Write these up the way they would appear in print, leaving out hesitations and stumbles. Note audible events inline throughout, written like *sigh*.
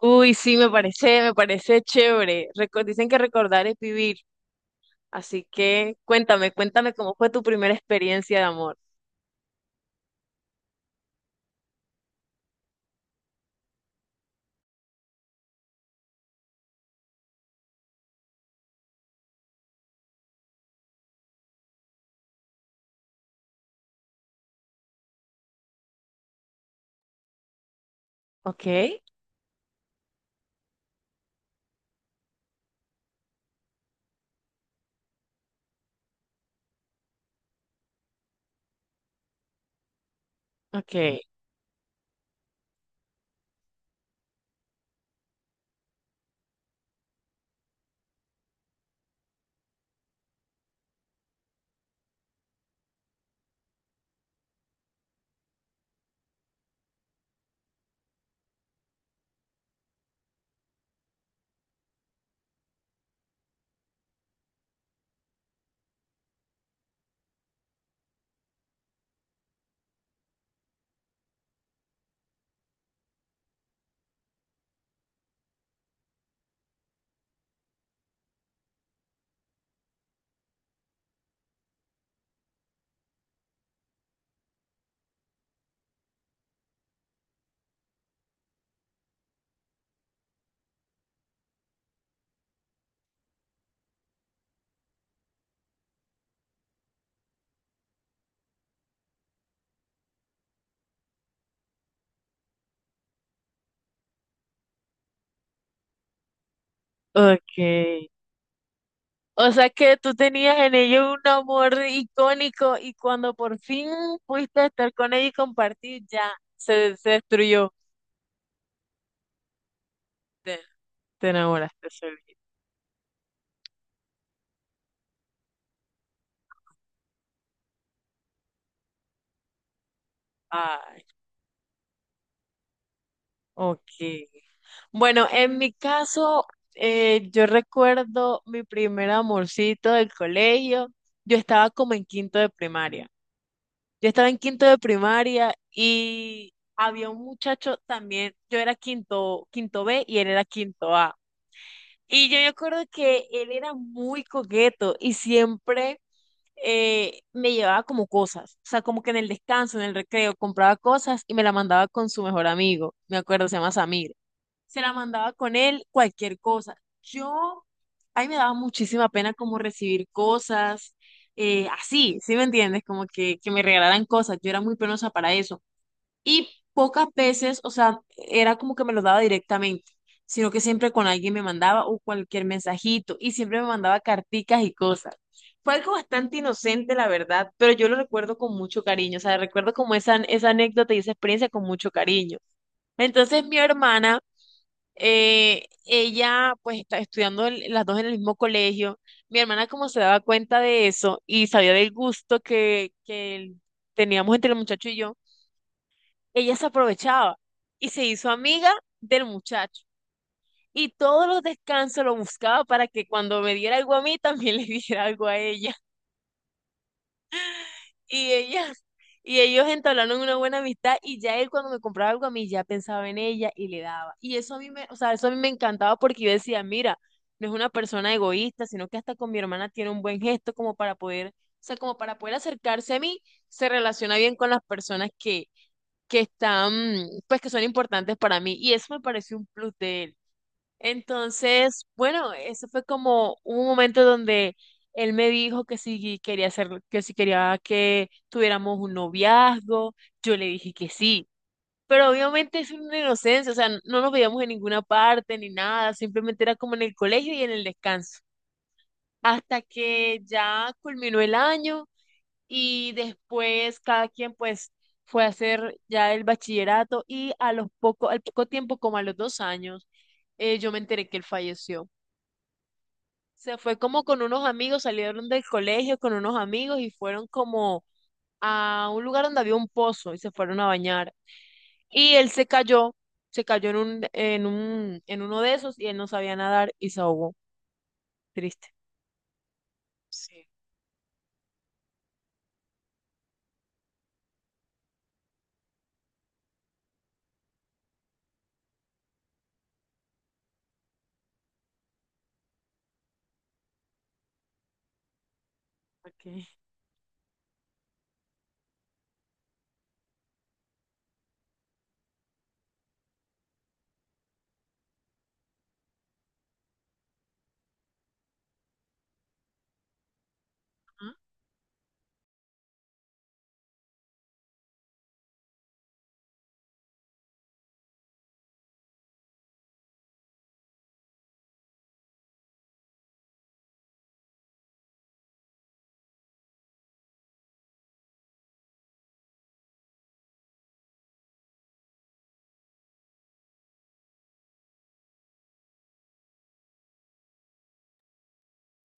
Uy, sí, me parece chévere. Dicen que recordar es vivir, así que cuéntame cómo fue tu primera experiencia de amor. Ok, ok, ok. O sea que tú tenías en ello un amor icónico y cuando por fin pudiste estar con ella y compartir, ya se destruyó. Te, te enamoraste, Solís. Ok. Bueno, en mi caso, yo recuerdo mi primer amorcito del colegio. Yo estaba como en quinto de primaria. Yo estaba en quinto de primaria y había un muchacho también. Yo era quinto B y él era quinto A. Y yo me acuerdo que él era muy coqueto y siempre me llevaba como cosas. O sea, como que en el descanso, en el recreo, compraba cosas y me la mandaba con su mejor amigo. Me acuerdo, se llama Samir, se la mandaba con él, cualquier cosa. Yo, ahí me daba muchísima pena como recibir cosas, así, ¿sí me entiendes? Como que me regalaran cosas, yo era muy penosa para eso. Y pocas veces, o sea, era como que me lo daba directamente, sino que siempre con alguien me mandaba o cualquier mensajito y siempre me mandaba carticas y cosas. Fue algo bastante inocente, la verdad, pero yo lo recuerdo con mucho cariño, o sea, recuerdo como esa anécdota y esa experiencia con mucho cariño. Entonces mi hermana ella pues está estudiando las dos en el mismo colegio. Mi hermana como se daba cuenta de eso y sabía del gusto que teníamos entre el muchacho y yo, ella se aprovechaba y se hizo amiga del muchacho. Y todos los descansos lo buscaba para que cuando me diera algo a mí, también *laughs* le diera algo a ella. Y ella, y ellos entablaron una buena amistad y ya él cuando me compraba algo a mí ya pensaba en ella y le daba. Y eso a mí me, o sea, eso a mí me encantaba porque yo decía, mira, no es una persona egoísta, sino que hasta con mi hermana tiene un buen gesto como para poder, o sea, como para poder acercarse a mí, se relaciona bien con las personas que están, pues que son importantes para mí. Y eso me pareció un plus de él. Entonces, bueno, eso fue como un momento donde él me dijo que si quería hacer, que si quería que tuviéramos un noviazgo, yo le dije que sí. Pero obviamente es una inocencia, o sea, no nos veíamos en ninguna parte ni nada, simplemente era como en el colegio y en el descanso. Hasta que ya culminó el año y después cada quien pues fue a hacer ya el bachillerato y a al poco tiempo, como a los dos años, yo me enteré que él falleció. Se fue como con unos amigos, salieron del colegio con unos amigos y fueron como a un lugar donde había un pozo y se fueron a bañar. Y él se cayó en uno de esos y él no sabía nadar y se ahogó. Triste. Sí, ok. Ajá.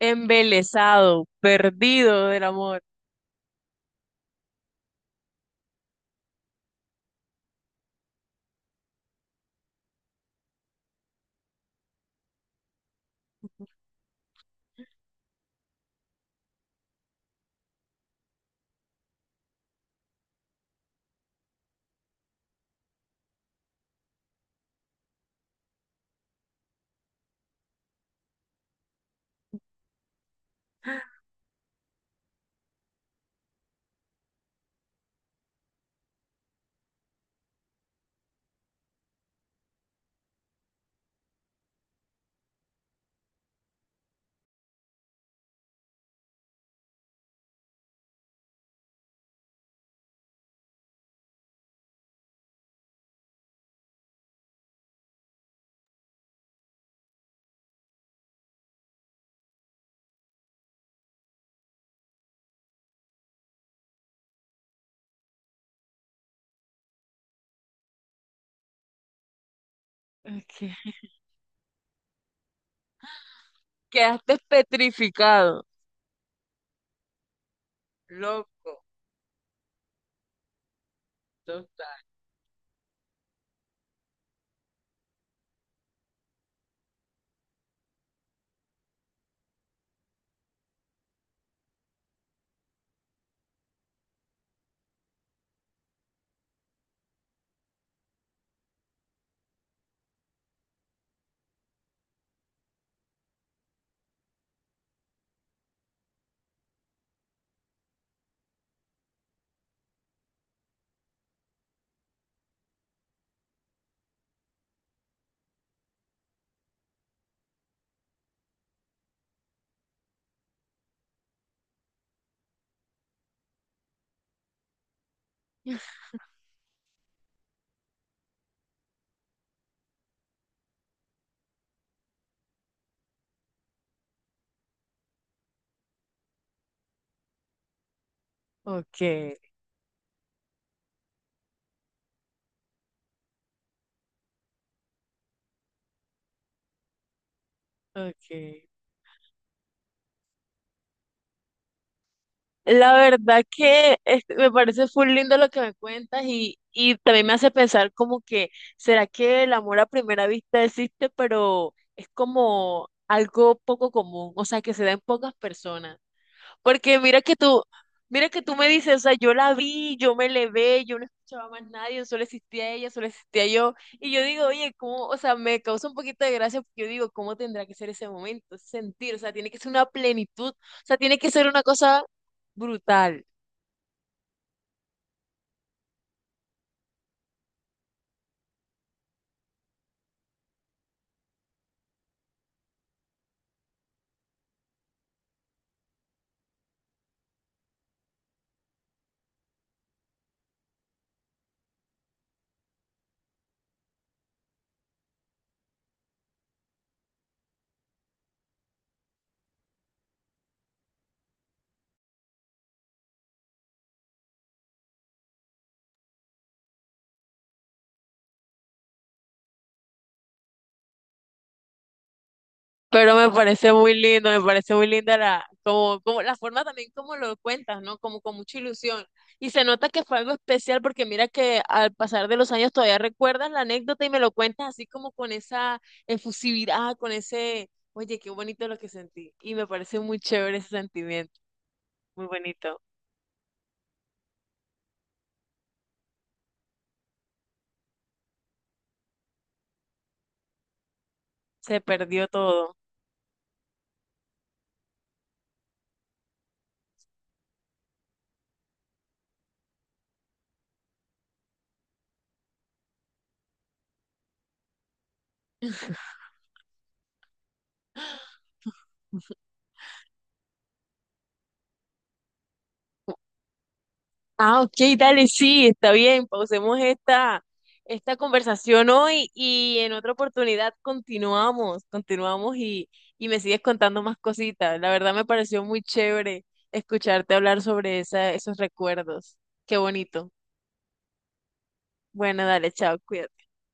Embelesado, perdido del amor. Ok. Quedaste petrificado. Loco, total. *laughs* Ok. Ok. La verdad que este, me parece full lindo lo que me cuentas y también me hace pensar como que, ¿será que el amor a primera vista existe, pero es como algo poco común, o sea, que se da en pocas personas? Porque mira que tú me dices, o sea, yo la vi, yo me levé, yo no escuchaba más nadie, solo existía ella, solo existía yo, y yo digo, oye, ¿cómo? O sea, me causa un poquito de gracia porque yo digo, ¿cómo tendrá que ser ese momento, ese sentir? O sea, tiene que ser una plenitud, o sea, tiene que ser una cosa brutal, pero me parece muy lindo, me parece muy linda como, como la forma también como lo cuentas, ¿no? Como con mucha ilusión. Y se nota que fue algo especial porque mira que al pasar de los años todavía recuerdas la anécdota y me lo cuentas así como con esa efusividad, con ese, oye, qué bonito lo que sentí. Y me parece muy chévere ese sentimiento, muy bonito. Se perdió todo. Ah, ok, dale, sí, está bien. Pausemos esta conversación hoy y en otra oportunidad continuamos y me sigues contando más cositas. La verdad me pareció muy chévere escucharte hablar sobre esos recuerdos. Qué bonito. Bueno, dale, chao, cuídate.